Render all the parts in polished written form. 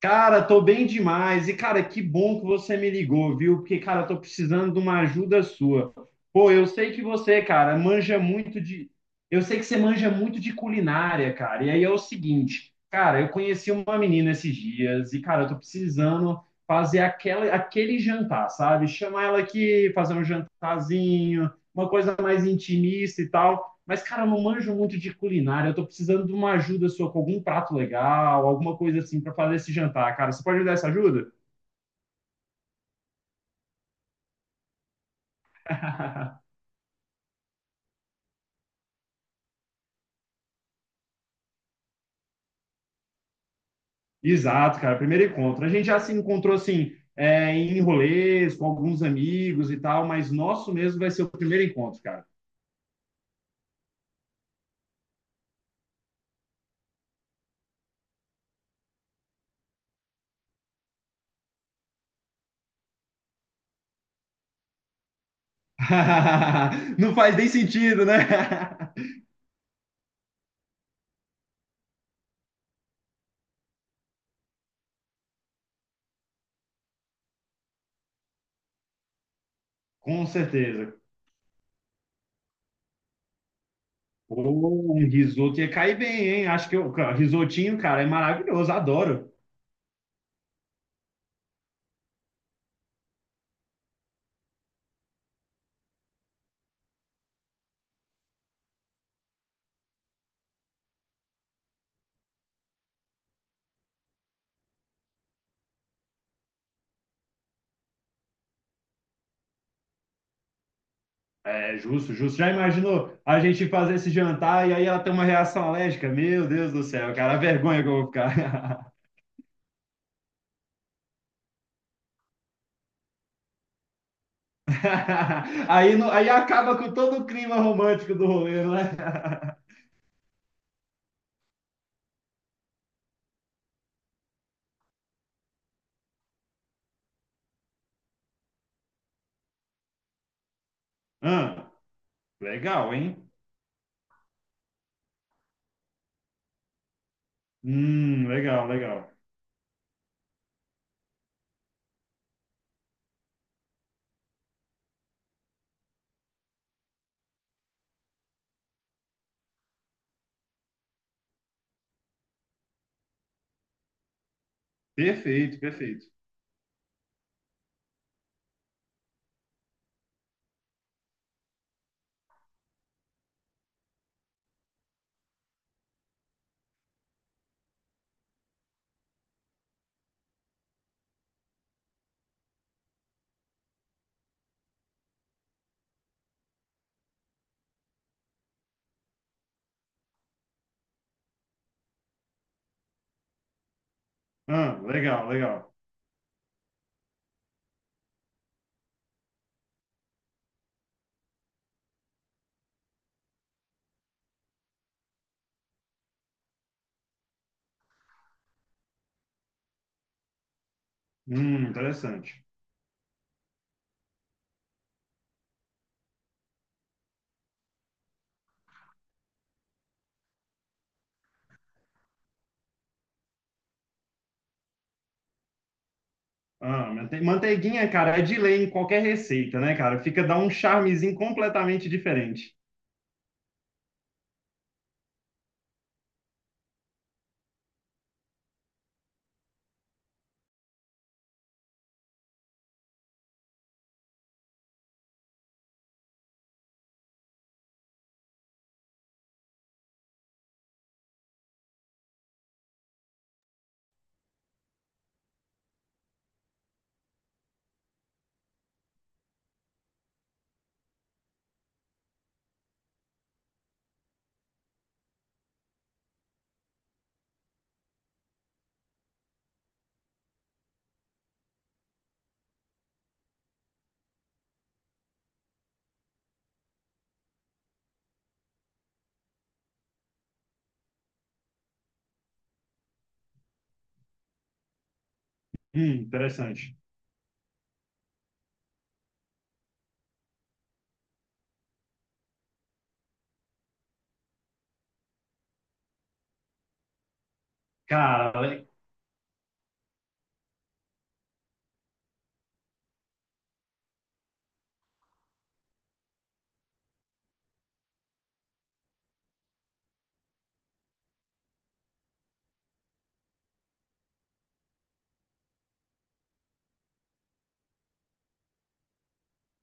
Cara, tô bem demais. E, cara, que bom que você me ligou, viu? Porque, cara, eu tô precisando de uma ajuda sua. Pô, eu sei que você, cara, manja muito de. Eu sei que você manja muito de culinária, cara. E aí é o seguinte, cara, eu conheci uma menina esses dias e, cara, eu tô precisando fazer aquele jantar, sabe? Chamar ela aqui, fazer um jantarzinho, uma coisa mais intimista e tal. Mas, cara, eu não manjo muito de culinária. Eu tô precisando de uma ajuda sua com algum prato legal, alguma coisa assim para fazer esse jantar, cara. Você pode me dar essa ajuda? Exato, cara. Primeiro encontro. A gente já se encontrou assim, é, em rolês, com alguns amigos e tal, mas nosso mesmo vai ser o primeiro encontro, cara. Não faz nem sentido, né? Com certeza. Pô, um risoto ia cair bem, hein? Acho que o risotinho, cara, é maravilhoso, adoro. É justo, justo. Já imaginou a gente fazer esse jantar e aí ela tem uma reação alérgica? Meu Deus do céu, cara, a vergonha que eu vou ficar. Aí, não- aí acaba com todo o clima romântico do rolê, não é? Ah, legal, hein? Legal, legal. Perfeito, perfeito. Ah, legal, legal. Interessante. Ah, mante- manteiguinha, cara, é de lei em qualquer receita, né, cara? Fica, dá um charmezinho completamente diferente. Interessante. Cara, le-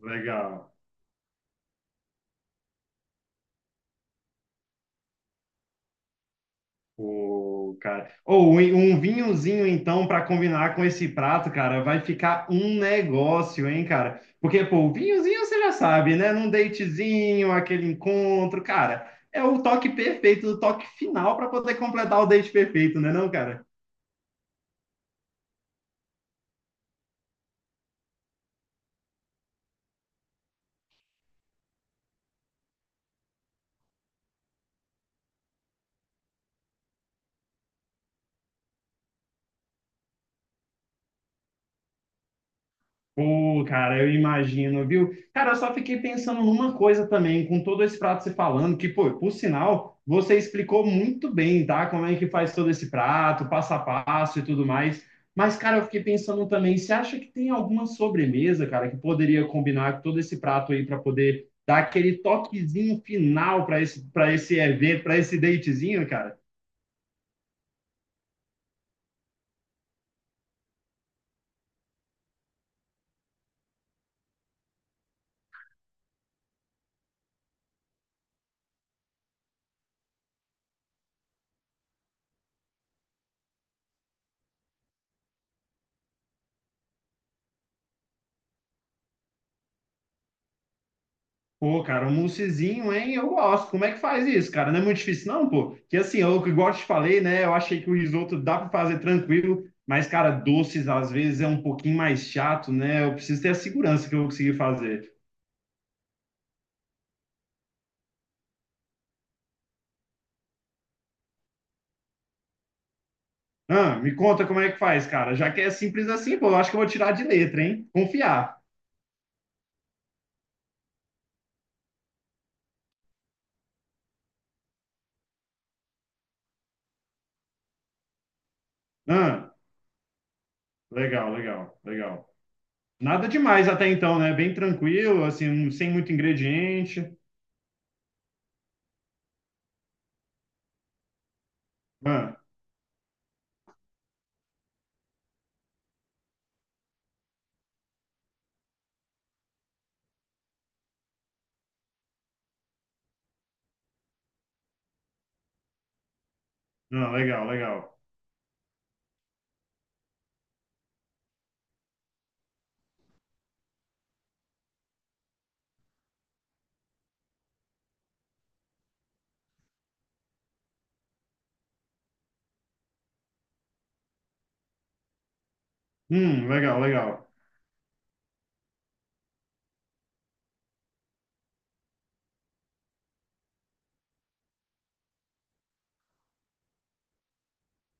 legal. Pô, cara. Ou um vinhozinho, então, para combinar com esse prato, cara, vai ficar um negócio, hein, cara? Porque, pô, o vinhozinho você já sabe, né? Num datezinho, aquele encontro, cara. É o toque perfeito, o toque final para poder completar o date perfeito, né, não, cara? Pô, cara, eu imagino, viu? Cara, eu só fiquei pensando numa coisa também, com todo esse prato você falando, que, pô, por sinal, você explicou muito bem, tá? Como é que faz todo esse prato, passo a passo e tudo mais. Mas, cara, eu fiquei pensando também, você acha que tem alguma sobremesa, cara, que poderia combinar com todo esse prato aí para poder dar aquele toquezinho final para para esse evento, para esse datezinho, cara? Pô, cara, um moussezinho, hein? Eu gosto. Como é que faz isso, cara? Não é muito difícil, não, pô. Que assim, eu igual eu te falei, né? Eu achei que o risoto dá para fazer tranquilo, mas, cara, doces às vezes é um pouquinho mais chato, né? Eu preciso ter a segurança que eu vou conseguir fazer. Ah, me conta como é que faz, cara. Já que é simples assim, pô, eu acho que eu vou tirar de letra, hein? Confiar. Ah, legal, legal, legal. Nada demais até então, né? Bem tranquilo, assim, sem muito ingrediente. Ah, não, legal, legal. Legal, legal.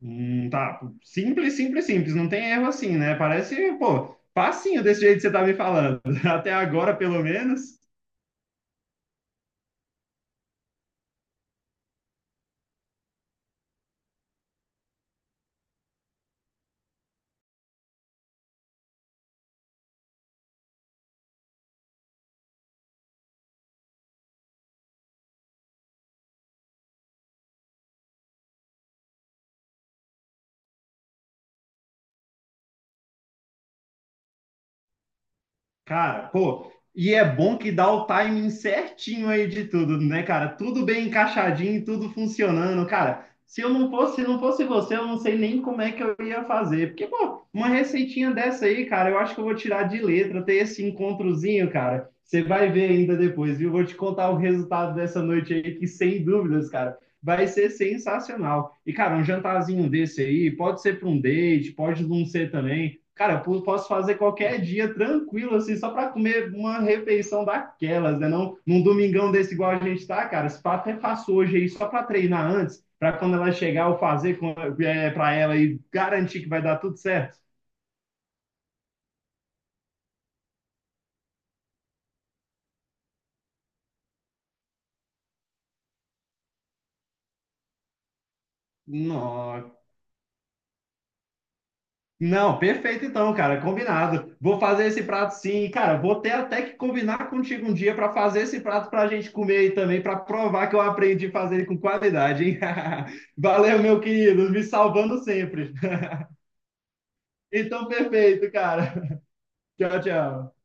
Tá. Simples, simples, simples. Não tem erro assim, né? Parece, pô, facinho desse jeito que você tá me falando. Até agora, pelo menos. Cara, pô, e é bom que dá o timing certinho aí de tudo, né, cara? Tudo bem encaixadinho, tudo funcionando, cara. Se não fosse você, eu não sei nem como é que eu ia fazer. Porque, pô, uma receitinha dessa aí, cara, eu acho que eu vou tirar de letra, ter esse encontrozinho, cara. Você vai ver ainda depois, viu? Vou te contar o resultado dessa noite aí, que sem dúvidas, cara, vai ser sensacional. E, cara, um jantarzinho desse aí, pode ser para um date, pode não ser também. Cara, eu posso fazer qualquer dia tranquilo, assim, só para comer uma refeição daquelas, né? Não, num domingão desse igual a gente tá, cara. Se pá, até faço hoje aí só para treinar antes, para quando ela chegar eu fazer para ela e garantir que vai dar tudo certo. Não, não, perfeito então, cara, combinado. Vou fazer esse prato sim, e, cara. Vou ter até que combinar contigo um dia para fazer esse prato para a gente comer aí também, para provar que eu aprendi a fazer ele com qualidade, hein? Valeu, meu querido, me salvando sempre. Então, perfeito, cara. Tchau, tchau.